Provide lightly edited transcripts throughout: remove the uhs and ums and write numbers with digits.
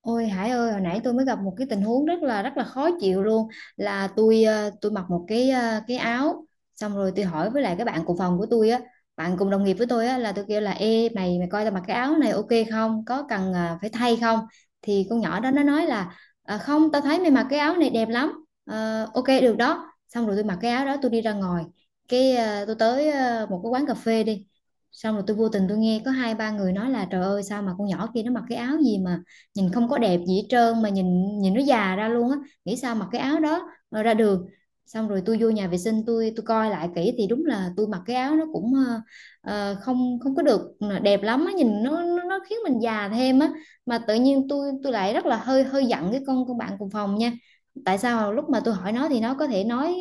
Ôi Hải ơi, hồi nãy tôi mới gặp một cái tình huống rất là khó chịu luôn. Là tôi tôi mặc một cái cái áo, xong rồi tôi hỏi với lại cái bạn cùng phòng của tôi á, bạn cùng đồng nghiệp với tôi á, là tôi kêu là: Ê mày mày coi tao mặc cái áo này ok không? Có cần phải thay không? Thì con nhỏ đó nó nói là "Không, tao thấy mày mặc cái áo này đẹp lắm. Ờ, ok, được đó." Xong rồi tôi mặc cái áo đó tôi đi ra ngoài. Cái tôi tới một cái quán cà phê đi. Xong rồi tôi vô tình tôi nghe có hai ba người nói là: Trời ơi, sao mà con nhỏ kia nó mặc cái áo gì mà nhìn không có đẹp gì hết trơn, mà nhìn nhìn nó già ra luôn á, nghĩ sao mặc cái áo đó rồi ra đường. Xong rồi tôi vô nhà vệ sinh, tôi coi lại kỹ thì đúng là tôi mặc cái áo nó cũng không không có được đẹp lắm á, nhìn nó nó khiến mình già thêm á. Mà tự nhiên tôi lại rất là hơi hơi giận cái con bạn cùng phòng nha. Tại sao lúc mà tôi hỏi nó thì nó có thể nói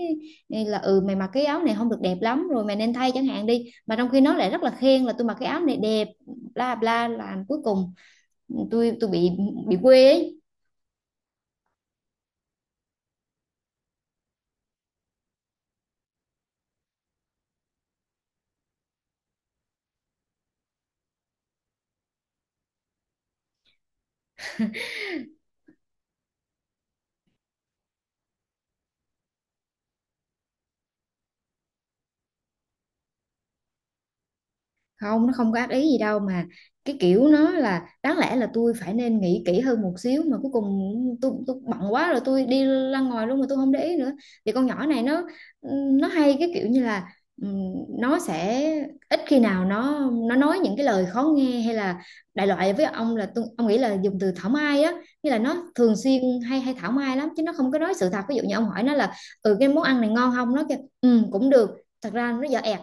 là: Ừ, mày mặc cái áo này không được đẹp lắm rồi, mày nên thay chẳng hạn đi, mà trong khi nó lại rất là khen là tôi mặc cái áo này đẹp, bla bla. Là cuối cùng tôi bị quê ấy. Không, nó không có ác ý gì đâu, mà cái kiểu nó là đáng lẽ là tôi phải nên nghĩ kỹ hơn một xíu mà cuối cùng tôi bận quá rồi tôi đi ra ngoài luôn mà tôi không để ý nữa. Thì con nhỏ này nó hay cái kiểu như là ừm, nó sẽ ít khi nào nó nói những cái lời khó nghe hay là đại loại. Với ông là tôi, ông nghĩ là dùng từ thảo mai á, như là nó thường xuyên hay hay thảo mai lắm chứ nó không có nói sự thật. Ví dụ như ông hỏi nó là: Ừ, cái món ăn này ngon không? Nó kêu ừ cũng được, thật ra nó dở ẹt.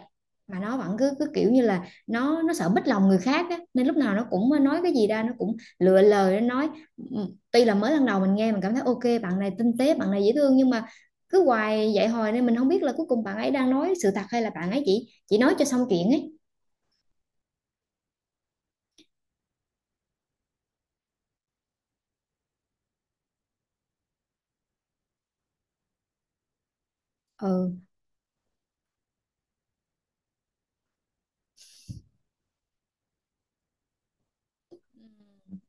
Mà nó vẫn cứ cứ kiểu như là nó sợ bích lòng người khác á, nên lúc nào nó cũng nói cái gì ra nó cũng lựa lời nó nói. Ừ, tuy là mới lần đầu mình nghe mình cảm thấy ok bạn này tinh tế, bạn này dễ thương, nhưng mà cứ hoài vậy hồi nên mình không biết là cuối cùng bạn ấy đang nói sự thật hay là bạn ấy chỉ nói cho xong chuyện ấy. Ừ,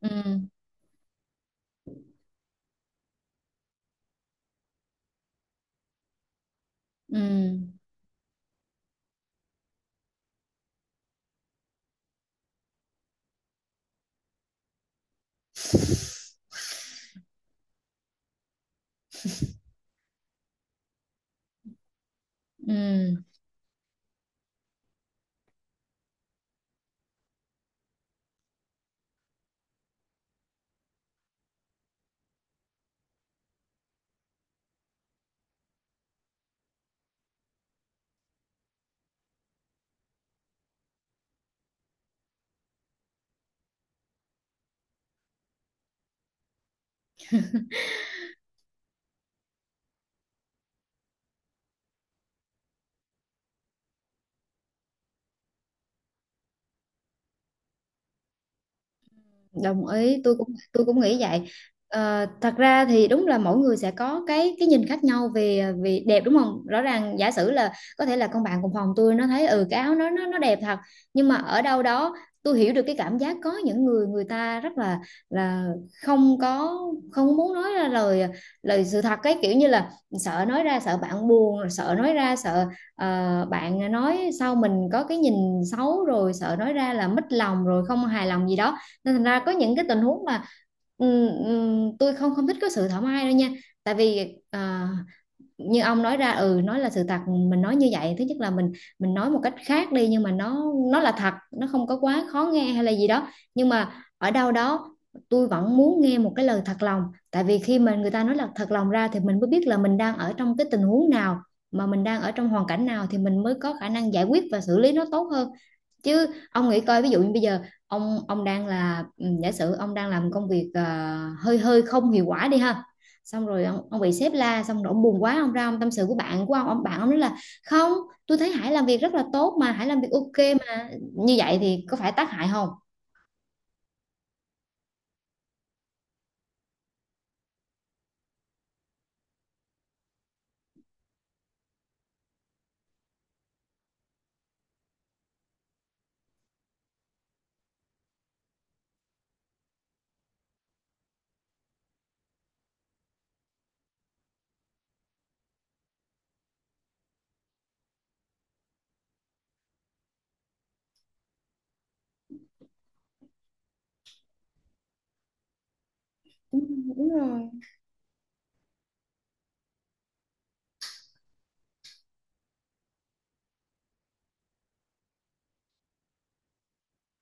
ừ, ừ, ừ, đồng ý. Tôi cũng nghĩ vậy. Thật ra thì đúng là mỗi người sẽ có cái nhìn khác nhau về về đẹp, đúng không? Rõ ràng giả sử là có thể là con bạn cùng phòng tôi nó thấy ừ cái áo nó đẹp thật, nhưng mà ở đâu đó tôi hiểu được cái cảm giác có những người người ta rất là không có không muốn nói ra lời lời sự thật, cái kiểu như là sợ nói ra sợ bạn buồn, rồi sợ nói ra sợ bạn nói sau mình có cái nhìn xấu, rồi sợ nói ra là mất lòng rồi không hài lòng gì đó. Nên thành ra có những cái tình huống mà tôi không không thích cái sự thảo mai đâu nha. Tại vì như ông nói ra, ừ, nói là sự thật. Mình nói như vậy, thứ nhất là mình nói một cách khác đi nhưng mà nó là thật, nó không có quá khó nghe hay là gì đó. Nhưng mà ở đâu đó tôi vẫn muốn nghe một cái lời thật lòng, tại vì khi mà người ta nói là thật lòng ra thì mình mới biết là mình đang ở trong cái tình huống nào, mà mình đang ở trong hoàn cảnh nào thì mình mới có khả năng giải quyết và xử lý nó tốt hơn. Chứ ông nghĩ coi, ví dụ như bây giờ ông đang là giả sử ông đang làm công việc hơi hơi không hiệu quả đi ha, xong rồi ông bị sếp la, xong rồi ông buồn quá ông ra ông tâm sự của bạn của ông bạn ông nói là: Không, tôi thấy Hải làm việc rất là tốt mà, Hải làm việc ok mà. Như vậy thì có phải tác hại không? Đúng, đúng rồi.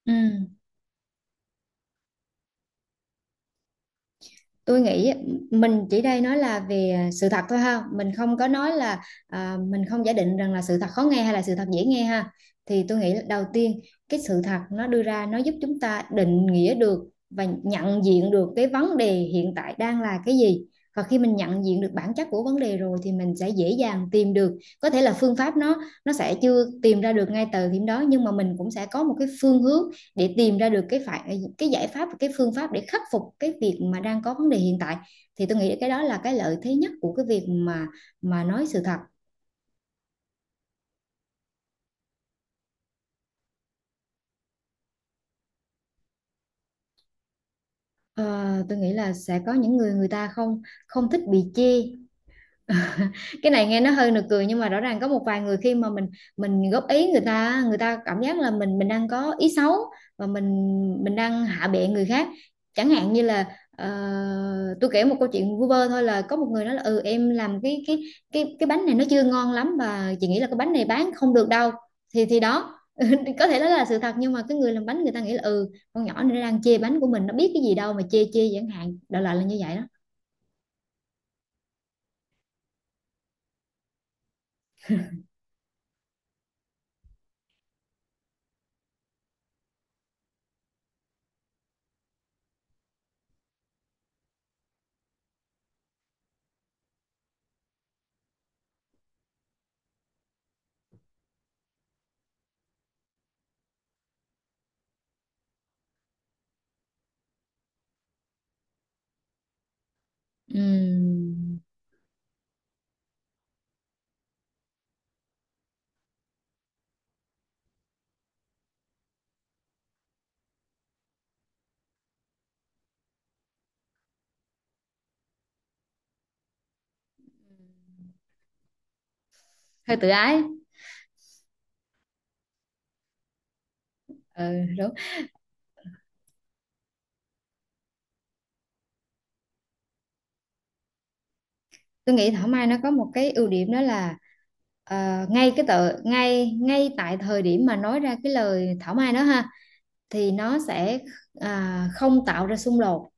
Ừ, tôi nghĩ mình chỉ đây nói là về sự thật thôi ha, mình không có nói là mình không giả định rằng là sự thật khó nghe hay là sự thật dễ nghe ha. Thì tôi nghĩ đầu tiên cái sự thật nó đưa ra, nó giúp chúng ta định nghĩa được và nhận diện được cái vấn đề hiện tại đang là cái gì. Và khi mình nhận diện được bản chất của vấn đề rồi thì mình sẽ dễ dàng tìm được, có thể là phương pháp nó sẽ chưa tìm ra được ngay từ điểm đó nhưng mà mình cũng sẽ có một cái phương hướng để tìm ra được cái giải pháp và cái phương pháp để khắc phục cái việc mà đang có vấn đề hiện tại. Thì tôi nghĩ cái đó là cái lợi thế nhất của cái việc mà nói sự thật. Ờ, tôi nghĩ là sẽ có những người người ta không không thích bị chê. Cái này nghe nó hơi nực cười nhưng mà rõ ràng có một vài người khi mà mình góp ý, người ta cảm giác là mình đang có ý xấu và mình đang hạ bệ người khác. Chẳng hạn như là ờ, tôi kể một câu chuyện vu vơ thôi là có một người nói là: Ừ, em làm cái bánh này nó chưa ngon lắm và chị nghĩ là cái bánh này bán không được đâu. Thì đó, có thể đó là sự thật nhưng mà cái người làm bánh người ta nghĩ là: Ừ, con nhỏ này nó đang chê bánh của mình, nó biết cái gì đâu mà chê chê chẳng hạn, đại loại là như vậy đó. Ừm, hơi tự ái. Ừ, đúng. Tôi nghĩ thảo mai nó có một cái ưu điểm, đó là ngay cái tờ ngay ngay tại thời điểm mà nói ra cái lời thảo mai đó ha thì nó sẽ không tạo ra xung đột,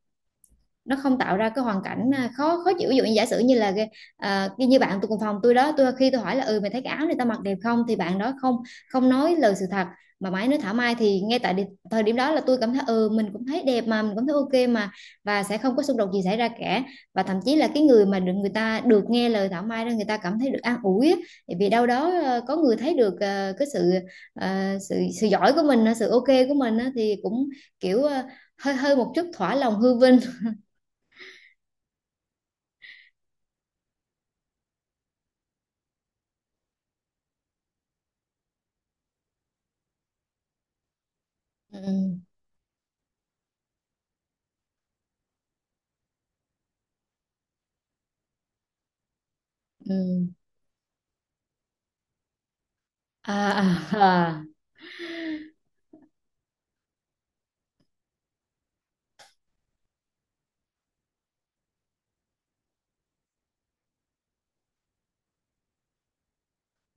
nó không tạo ra cái hoàn cảnh khó khó chịu. Ví dụ như giả sử như là như bạn tôi cùng phòng tôi đó, tôi khi tôi hỏi là: Ừ, mày thấy cái áo này tao mặc đẹp không? Thì bạn đó không không nói lời sự thật mà mãi nói thảo mai, thì ngay tại thời điểm đó là tôi cảm thấy ừ mình cũng thấy đẹp mà, mình cũng thấy ok mà, và sẽ không có xung đột gì xảy ra cả. Và thậm chí là cái người mà được, người ta được nghe lời thảo mai đó, người ta cảm thấy được an ủi á, vì đâu đó có người thấy được cái ờ, sự sự giỏi của mình, sự ok của mình á, thì cũng kiểu hơi hơi một chút thỏa lòng hư vinh. Ừ, ừ, à, à, à.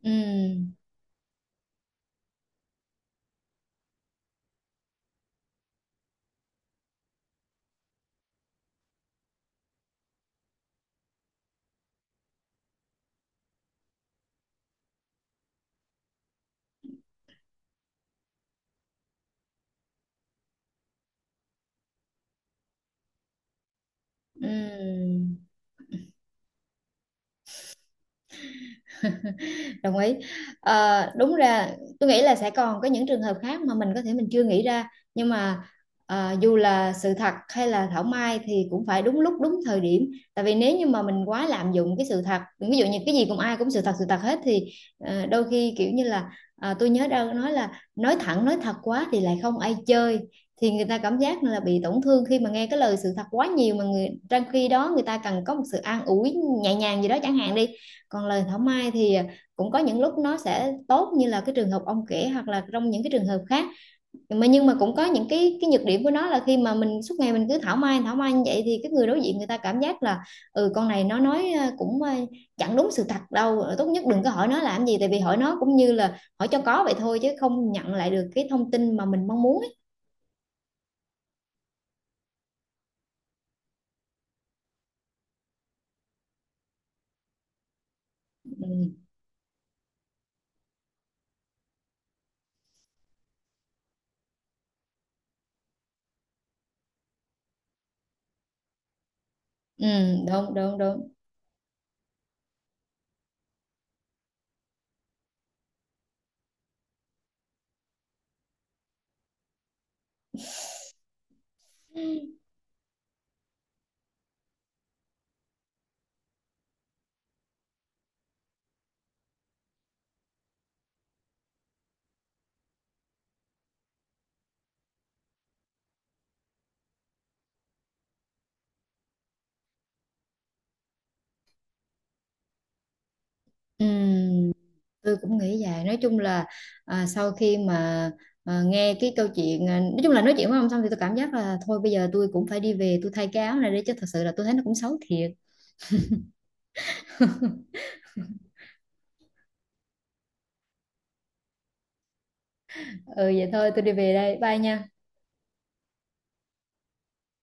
Ừ, ừ, đồng ý. Đúng ra, tôi nghĩ là sẽ còn có những trường hợp khác mà mình có thể mình chưa nghĩ ra, nhưng mà dù là sự thật hay là thảo mai thì cũng phải đúng lúc đúng thời điểm, tại vì nếu như mà mình quá lạm dụng cái sự thật, ví dụ như cái gì cũng ai cũng sự thật hết thì đôi khi kiểu như là tôi nhớ đâu nói là nói thẳng nói thật quá thì lại không ai chơi. Thì người ta cảm giác là bị tổn thương khi mà nghe cái lời sự thật quá nhiều, mà trong khi đó người ta cần có một sự an ủi nhẹ nhàng gì đó chẳng hạn đi. Còn lời thảo mai thì cũng có những lúc nó sẽ tốt như là cái trường hợp ông kể hoặc là trong những cái trường hợp khác, mà nhưng mà cũng có những cái nhược điểm của nó là khi mà mình suốt ngày mình cứ thảo mai như vậy thì cái người đối diện người ta cảm giác là: Ừ, con này nó nói cũng chẳng đúng sự thật đâu, tốt nhất đừng có hỏi nó làm gì, tại vì hỏi nó cũng như là hỏi cho có vậy thôi chứ không nhận lại được cái thông tin mà mình mong muốn ấy. Ừ. Ừ, đúng, đúng, đúng. Ừ, tôi cũng nghĩ vậy. Nói chung là sau khi mà nghe cái câu chuyện nói chung là nói chuyện với ông xong thì tôi cảm giác là thôi bây giờ tôi cũng phải đi về tôi thay cái áo này đi, chứ thật sự là tôi thấy nó cũng xấu thiệt. Ừ, vậy thôi, tôi đi về đây, bye nha.